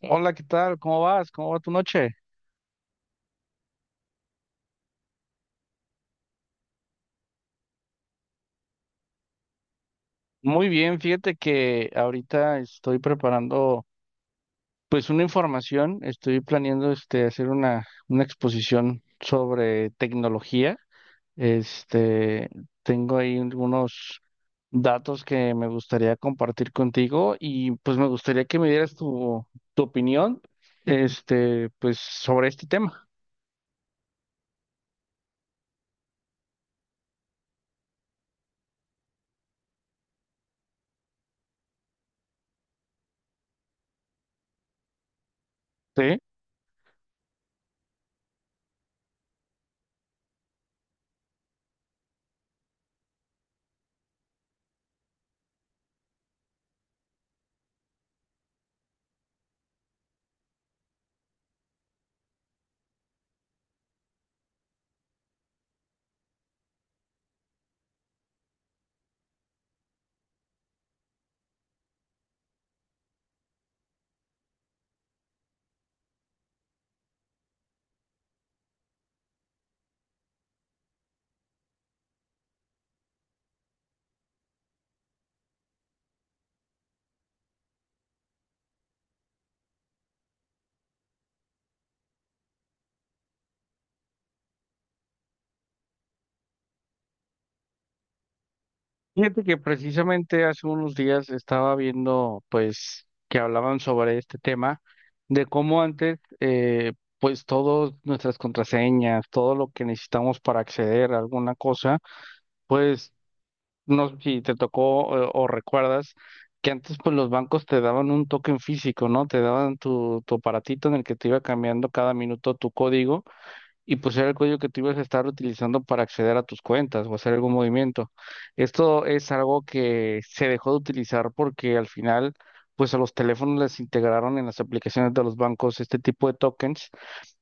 Sí. Hola, ¿qué tal? ¿Cómo vas? ¿Cómo va tu noche? Muy bien, fíjate que ahorita estoy preparando pues una información, estoy planeando hacer una exposición sobre tecnología. Este, Tengo ahí algunos datos que me gustaría compartir contigo y pues me gustaría que me dieras tu opinión pues sobre este tema. ¿Sí? Fíjate que precisamente hace unos días estaba viendo, pues, que hablaban sobre este tema, de cómo antes, pues, todas nuestras contraseñas, todo lo que necesitamos para acceder a alguna cosa, pues, no sé si te tocó o recuerdas que antes, pues, los bancos te daban un token físico, ¿no? Te daban tu aparatito en el que te iba cambiando cada minuto tu código y pues era el código que tú ibas a estar utilizando para acceder a tus cuentas o hacer algún movimiento. Esto es algo que se dejó de utilizar porque al final, pues a los teléfonos les integraron en las aplicaciones de los bancos este tipo de tokens.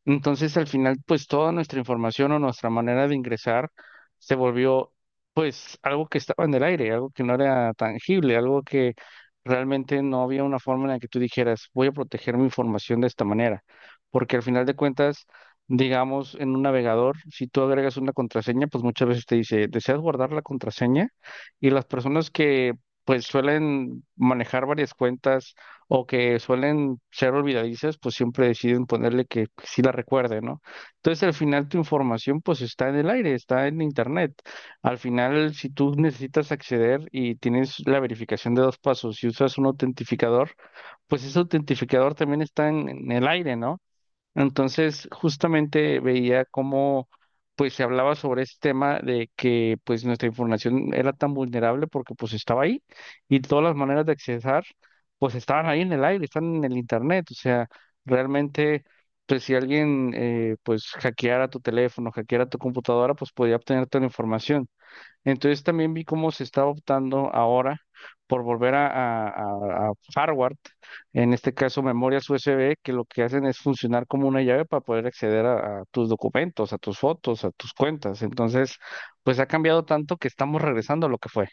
Entonces, al final, pues toda nuestra información o nuestra manera de ingresar se volvió, pues, algo que estaba en el aire, algo que no era tangible, algo que realmente no había una forma en la que tú dijeras, voy a proteger mi información de esta manera. Porque al final de cuentas, digamos, en un navegador, si tú agregas una contraseña, pues muchas veces te dice, ¿deseas guardar la contraseña? Y las personas que, pues, suelen manejar varias cuentas o que suelen ser olvidadizas, pues siempre deciden ponerle que sí la recuerde, ¿no? Entonces al final tu información pues está en el aire, está en internet. Al final si tú necesitas acceder y tienes la verificación de dos pasos y usas un autentificador, pues ese autentificador también está en el aire, ¿no? Entonces, justamente veía cómo pues se hablaba sobre este tema de que pues nuestra información era tan vulnerable porque pues estaba ahí y todas las maneras de accesar pues estaban ahí en el aire, están en el internet, o sea, realmente pues si alguien pues hackeara tu teléfono, hackeara tu computadora, pues podía obtener toda la información. Entonces también vi cómo se está optando ahora por volver a hardware, en este caso memorias USB, que lo que hacen es funcionar como una llave para poder acceder a tus documentos, a tus fotos, a tus cuentas. Entonces, pues ha cambiado tanto que estamos regresando a lo que fue.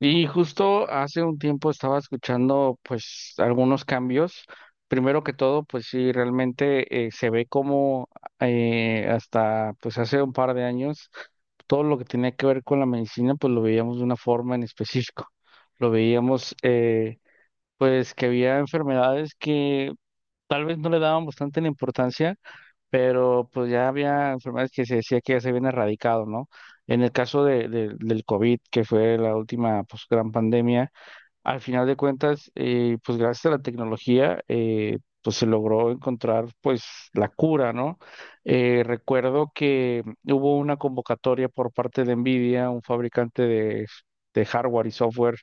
Y justo hace un tiempo estaba escuchando pues algunos cambios. Primero que todo, pues sí, realmente se ve como hasta pues hace un par de años todo lo que tenía que ver con la medicina pues lo veíamos de una forma en específico. Lo veíamos, pues, que había enfermedades que tal vez no le dábamos tanta la importancia, pero pues ya había enfermedades que se decía que ya se habían erradicado, ¿no? En el caso del COVID, que fue la última pues, gran pandemia, al final de cuentas, pues gracias a la tecnología, pues se logró encontrar pues la cura, ¿no? Recuerdo que hubo una convocatoria por parte de Nvidia, un fabricante de hardware y software,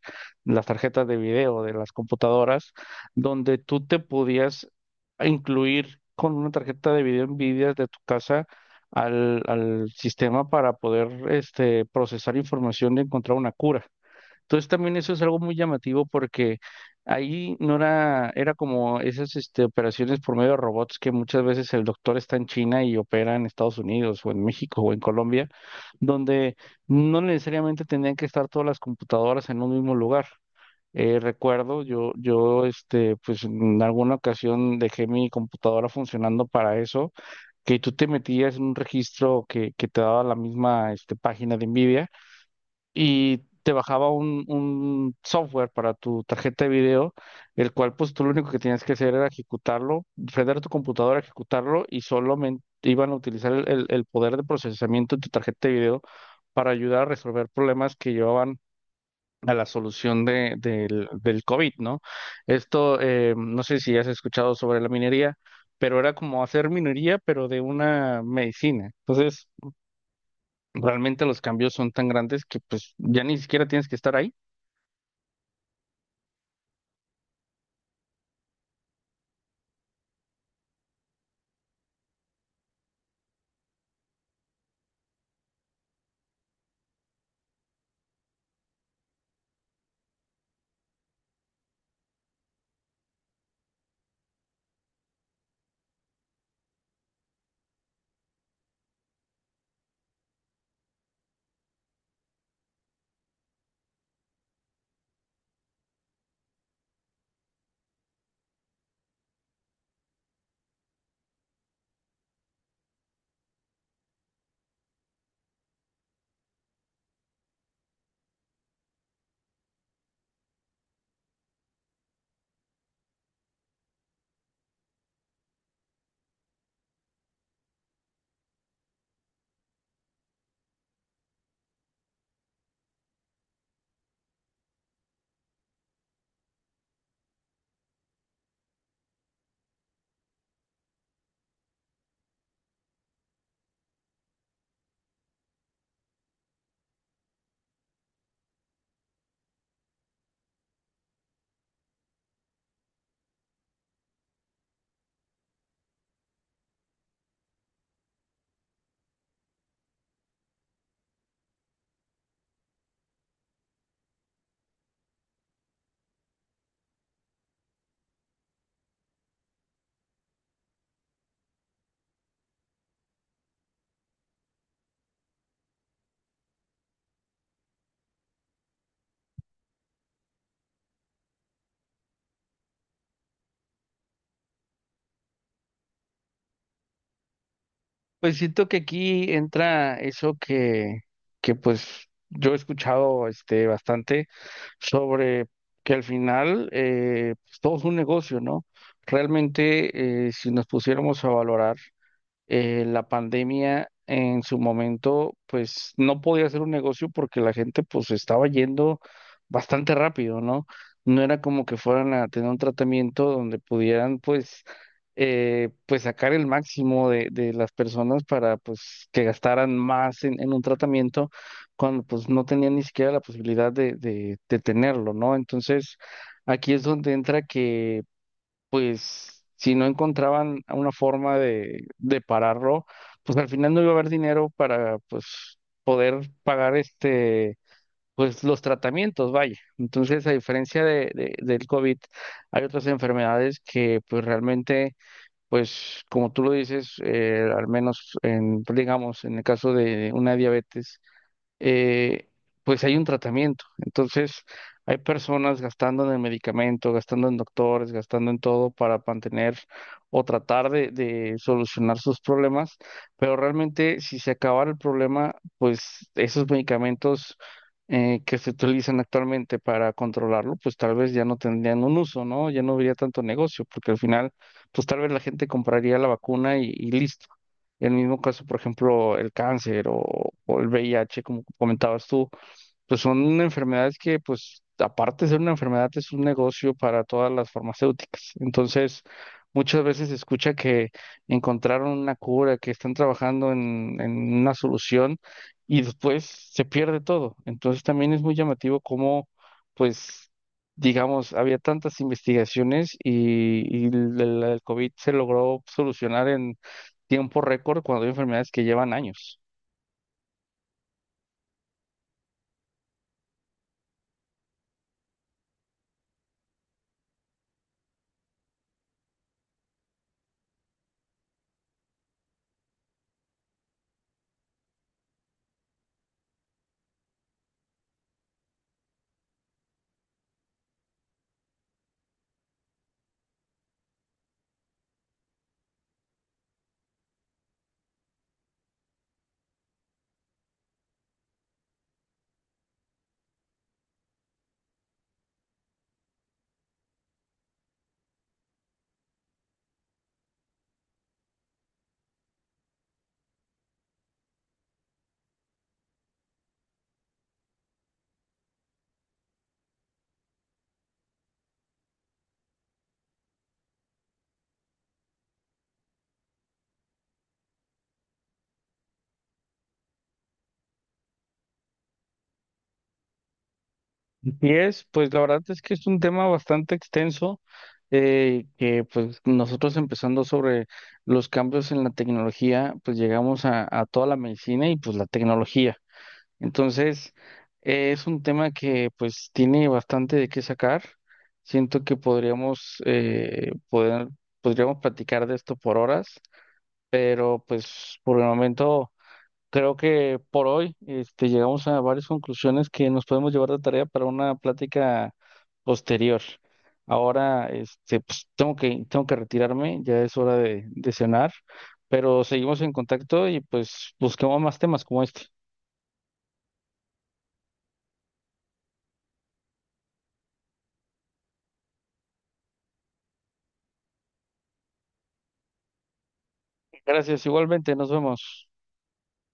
las tarjetas de video de las computadoras, donde tú te podías incluir con una tarjeta de video Nvidia de tu casa al sistema para poder procesar información y encontrar una cura. Entonces también eso es algo muy llamativo porque ahí no era, era como esas operaciones por medio de robots que muchas veces el doctor está en China y opera en Estados Unidos o en México o en Colombia, donde no necesariamente tendrían que estar todas las computadoras en un mismo lugar. Recuerdo, pues en alguna ocasión dejé mi computadora funcionando para eso, que tú te metías en un registro que te daba la misma, página de NVIDIA y te bajaba un software para tu tarjeta de video, el cual pues tú lo único que tenías que hacer era ejecutarlo, prender tu computadora, ejecutarlo y solamente iban a utilizar el poder de procesamiento de tu tarjeta de video para ayudar a resolver problemas que llevaban a la solución del COVID, ¿no? Esto, no sé si has escuchado sobre la minería, pero era como hacer minería, pero de una medicina. Entonces, realmente los cambios son tan grandes que pues ya ni siquiera tienes que estar ahí. Pues siento que aquí entra eso que pues yo he escuchado bastante sobre que al final pues, todo es un negocio, ¿no? Realmente, si nos pusiéramos a valorar la pandemia en su momento, pues no podía hacer un negocio porque la gente pues estaba yendo bastante rápido, ¿no? No era como que fueran a tener un tratamiento donde pudieran pues, pues sacar el máximo de las personas para pues que gastaran más en un tratamiento cuando pues no tenían ni siquiera la posibilidad de tenerlo, ¿no? Entonces, aquí es donde entra que pues si no encontraban una forma de pararlo, pues al final no iba a haber dinero para pues poder pagar pues los tratamientos, vaya. Entonces, a diferencia del COVID, hay otras enfermedades que pues realmente pues como tú lo dices, al menos en digamos en el caso de una diabetes, eh, pues hay un tratamiento. Entonces, hay personas gastando en el medicamento, gastando en doctores, gastando en todo para mantener o tratar de solucionar sus problemas, pero realmente si se acabara el problema, pues esos medicamentos, que se utilizan actualmente para controlarlo, pues tal vez ya no tendrían un uso, ¿no? Ya no habría tanto negocio, porque al final, pues tal vez la gente compraría la vacuna y listo. En el mismo caso, por ejemplo, el cáncer o el VIH, como comentabas tú, pues son enfermedades que, pues, aparte de ser una enfermedad, es un negocio para todas las farmacéuticas. Entonces, muchas veces se escucha que encontraron una cura, que están trabajando en una solución y después se pierde todo. Entonces, también es muy llamativo cómo, pues, digamos, había tantas investigaciones y el COVID se logró solucionar tiempo récord cuando hay enfermedades que llevan años. Y es, pues la verdad es que es un tema bastante extenso, que pues nosotros empezando sobre los cambios en la tecnología, pues llegamos a toda la medicina y pues la tecnología. Entonces, es un tema que pues tiene bastante de qué sacar. Siento que podríamos, podríamos platicar de esto por horas, pero pues por el momento... Creo que por hoy llegamos a varias conclusiones que nos podemos llevar de tarea para una plática posterior. Ahora pues, tengo que retirarme, ya es hora de cenar, pero seguimos en contacto y pues busquemos más temas como este. Gracias, igualmente, nos vemos.